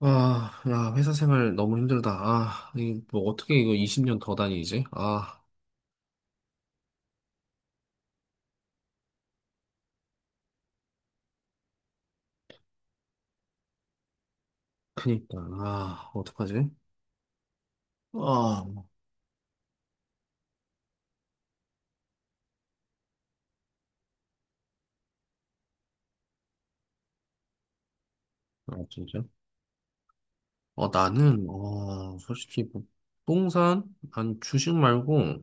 아, 야, 회사 생활 너무 힘들다. 아, 이, 뭐, 어떻게 이거 20년 더 다니지? 아, 그니까, 아, 어떡하지? 아, 아, 진짜? 어, 나는, 어, 솔직히, 뭐, 부동산, 아니 주식 말고,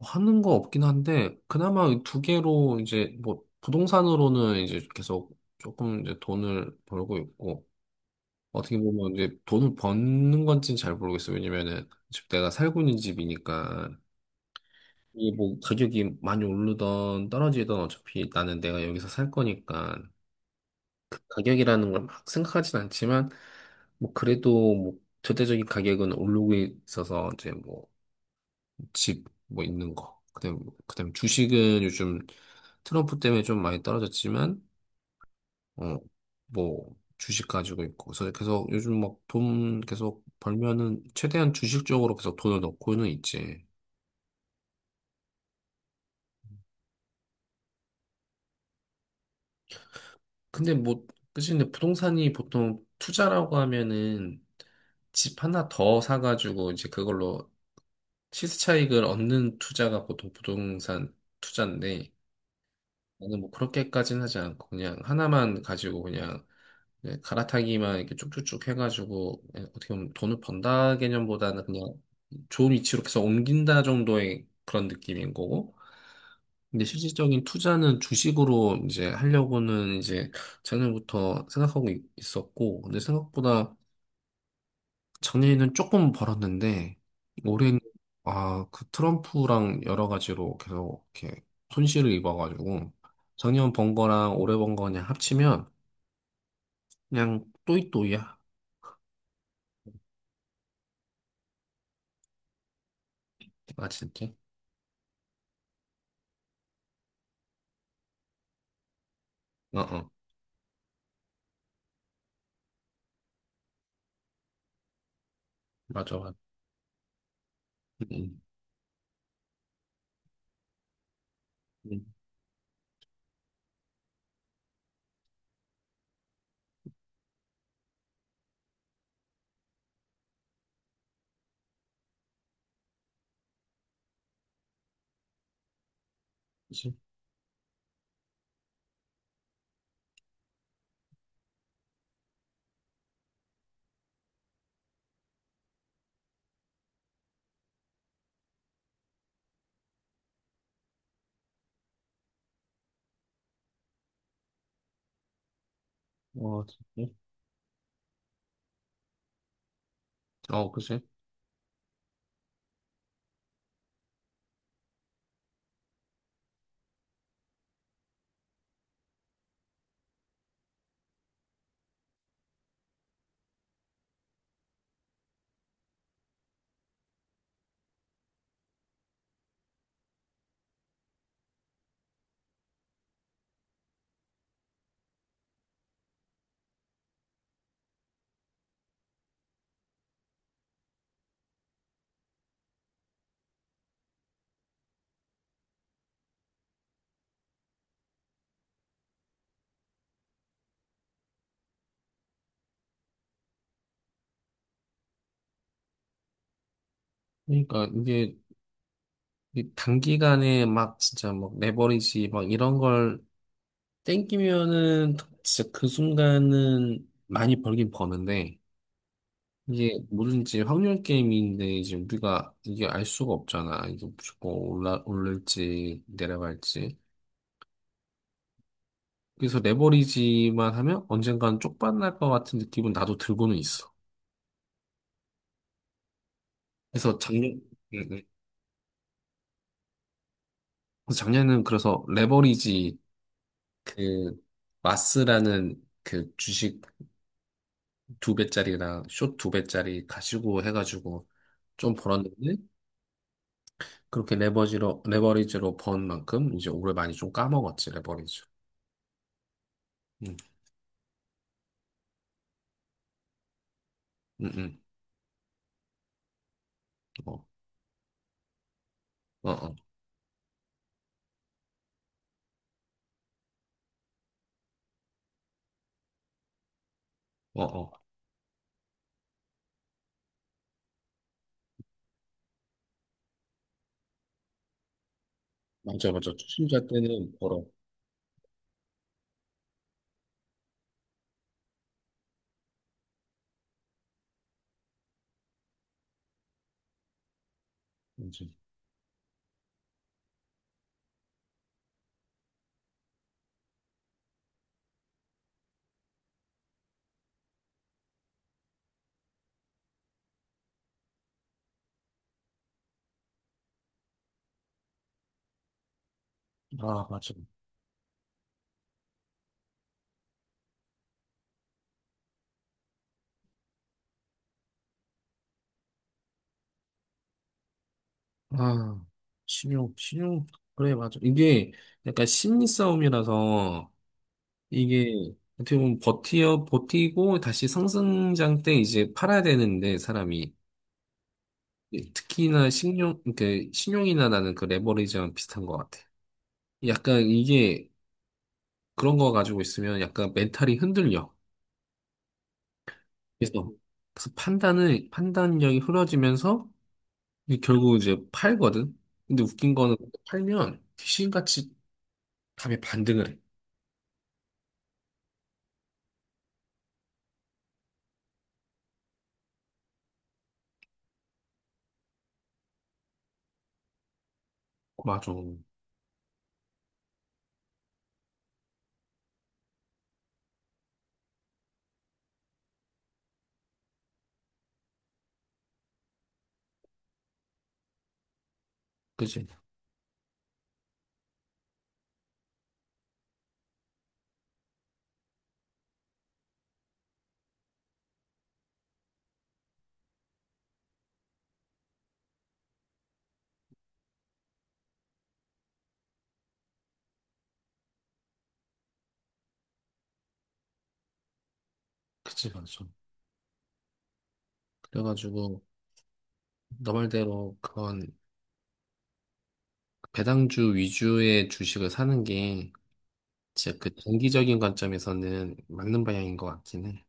하는 거 없긴 한데, 그나마 이두 개로, 이제, 뭐, 부동산으로는 이제 계속 조금 이제 돈을 벌고 있고, 어떻게 보면 이제 돈을 버는 건지는 잘 모르겠어. 왜냐면은, 지금 내가 살고 있는 집이니까, 이게 뭐 가격이 많이 오르던 떨어지던 어차피 나는 내가 여기서 살 거니까 그 가격이라는 걸 막 생각하진 않지만 뭐 그래도 뭐 절대적인 가격은 오르고 있어서 이제 뭐 집 뭐 있는 거 그다음 주식은 요즘 트럼프 때문에 좀 많이 떨어졌지만 어뭐 주식 가지고 있고, 그래서 계속 요즘 막 돈 계속 벌면은 최대한 주식 쪽으로 계속 돈을 넣고는 있지. 근데 뭐, 그치, 근데 부동산이 보통 투자라고 하면은 집 하나 더 사가지고 이제 그걸로 시세 차익을 얻는 투자가 보통 부동산 투자인데, 나는 뭐 그렇게까지는 하지 않고 그냥 하나만 가지고 그냥, 예, 갈아타기만 이렇게 쭉쭉쭉 해가지고, 예, 어떻게 보면 돈을 번다 개념보다는 그냥 좋은 위치로 계속 옮긴다 정도의 그런 느낌인 거고. 근데 실질적인 투자는 주식으로 이제 하려고는 이제 작년부터 생각하고 있었고, 근데 생각보다 작년에는 조금 벌었는데, 올해는, 아, 그 트럼프랑 여러 가지로 계속 이렇게 손실을 입어가지고, 작년 번 거랑 올해 번거 그냥 합치면 그냥 또이또이야. 아, 진짜? 어, 어, 맞아, 맞아. 응, 응. 그치? 어, 진짜? 어, 그치? 그러니까 이게, 이 단기간에 막 진짜 막 레버리지 막 이런 걸 땡기면은 진짜 그 순간은 많이 벌긴 버는데, 이게 뭐든지 확률 게임인데 이제 우리가 이게 알 수가 없잖아. 이게 무조건 올라 올릴지 내려갈지. 그래서 레버리지만 하면 언젠간 쪽박날 것 같은 느낌은 나도 들고는 있어. 그래서 작년 응, 응. 그래서 작년에는 그래서 레버리지, 그 마스라는 그 주식 두 배짜리랑 숏 두 배짜리 가지고 해가지고 좀 벌었는데, 그렇게 레버지로 레버리지로 번 만큼 이제 올해 많이 좀 까먹었지, 레버리지. 응, 응, 응. 어, 어, 어, 어, 어. 맞아, 맞아. 투자자 때는 벌어. 이제. 아, 맞아. 아, 신용, 신용. 그래, 맞아. 이게 약간 심리 싸움이라서, 이게 어떻게 보면 버티고 다시 상승장 때 이제 팔아야 되는데 사람이, 네, 특히나 신용이나 나는 그 레버리지랑 비슷한 것 같아. 약간 이게 그런 거 가지고 있으면 약간 멘탈이 흔들려. 그래서, 그래서 판단력이 흐려지면서 이게 결국 이제 팔거든? 근데 웃긴 거는 팔면 귀신같이 답이 반등을 해. 맞아. 그지? 그지, 맞아. 그래가지고, 너 말대로 그런 배당주 위주의 주식을 사는 게 진짜 그 장기적인 관점에서는 맞는 방향인 것 같긴 해.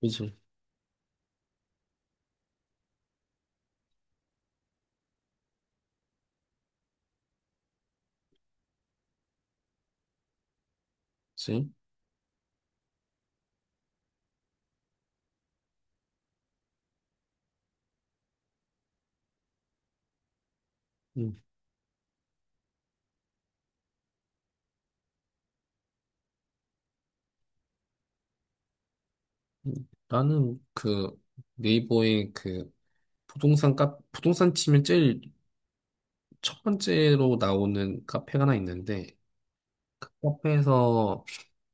그치? 그치? 음, 음. 나는 그 네이버에 그 부동산 치면 제일 첫 번째로 나오는 카페가 하나 있는데, 그 카페에서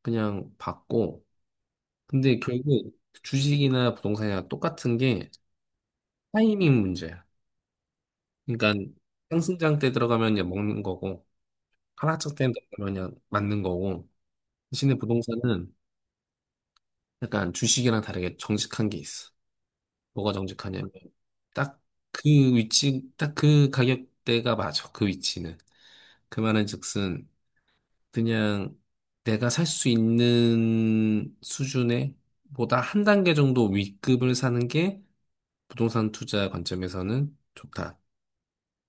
그냥 봤고. 근데 결국 주식이나 부동산이랑 똑같은 게 타이밍 문제야. 그러니까 상승장 때 들어가면 그냥 먹는 거고, 하락장 때 들어가면 그냥 맞는 거고. 대신에 부동산은 약간 주식이랑 다르게 정직한 게 있어. 뭐가 정직하냐면 딱 그 위치, 딱 그 가격대가 맞아 그 위치는. 그 말은즉슨 그냥 내가 살 수 있는 수준에 보다 한 단계 정도 윗급을 사는 게 부동산 투자 관점에서는 좋다.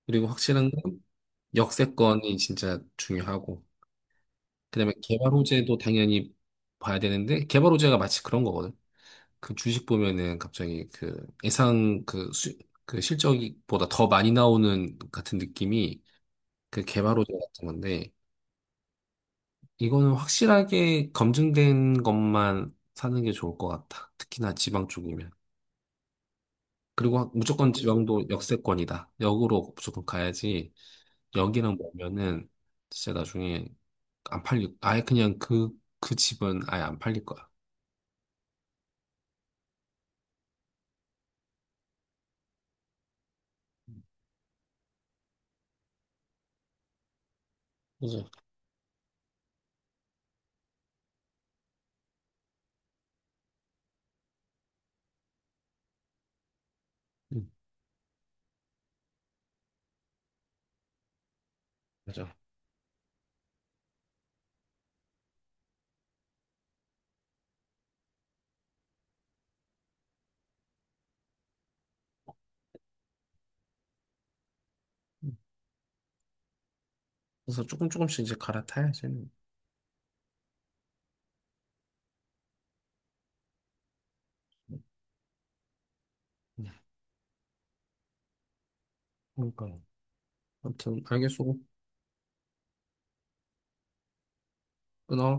그리고 확실한 건 역세권이 진짜 중요하고, 그다음에 개발 호재도 당연히 봐야 되는데. 개발 호재가 마치 그런 거거든. 그 주식 보면은 갑자기 그 예상, 그, 수, 그 실적보다 더 많이 나오는 같은 느낌이 그 개발호재 같은 건데, 이거는 확실하게 검증된 것만 사는 게 좋을 것 같다. 특히나 지방 쪽이면. 그리고 무조건 지방도 역세권이다. 역으로 무조건 가야지, 여기랑 보면은 진짜 나중에 안 팔릴, 아예 그냥 그, 그 집은 아예 안 팔릴 거야. 그죠? 응, 맞아. 응. 그래서 조금씩 이제 갈아타야지. 응. 그러니까요. 아무튼 알겠어. 끊어.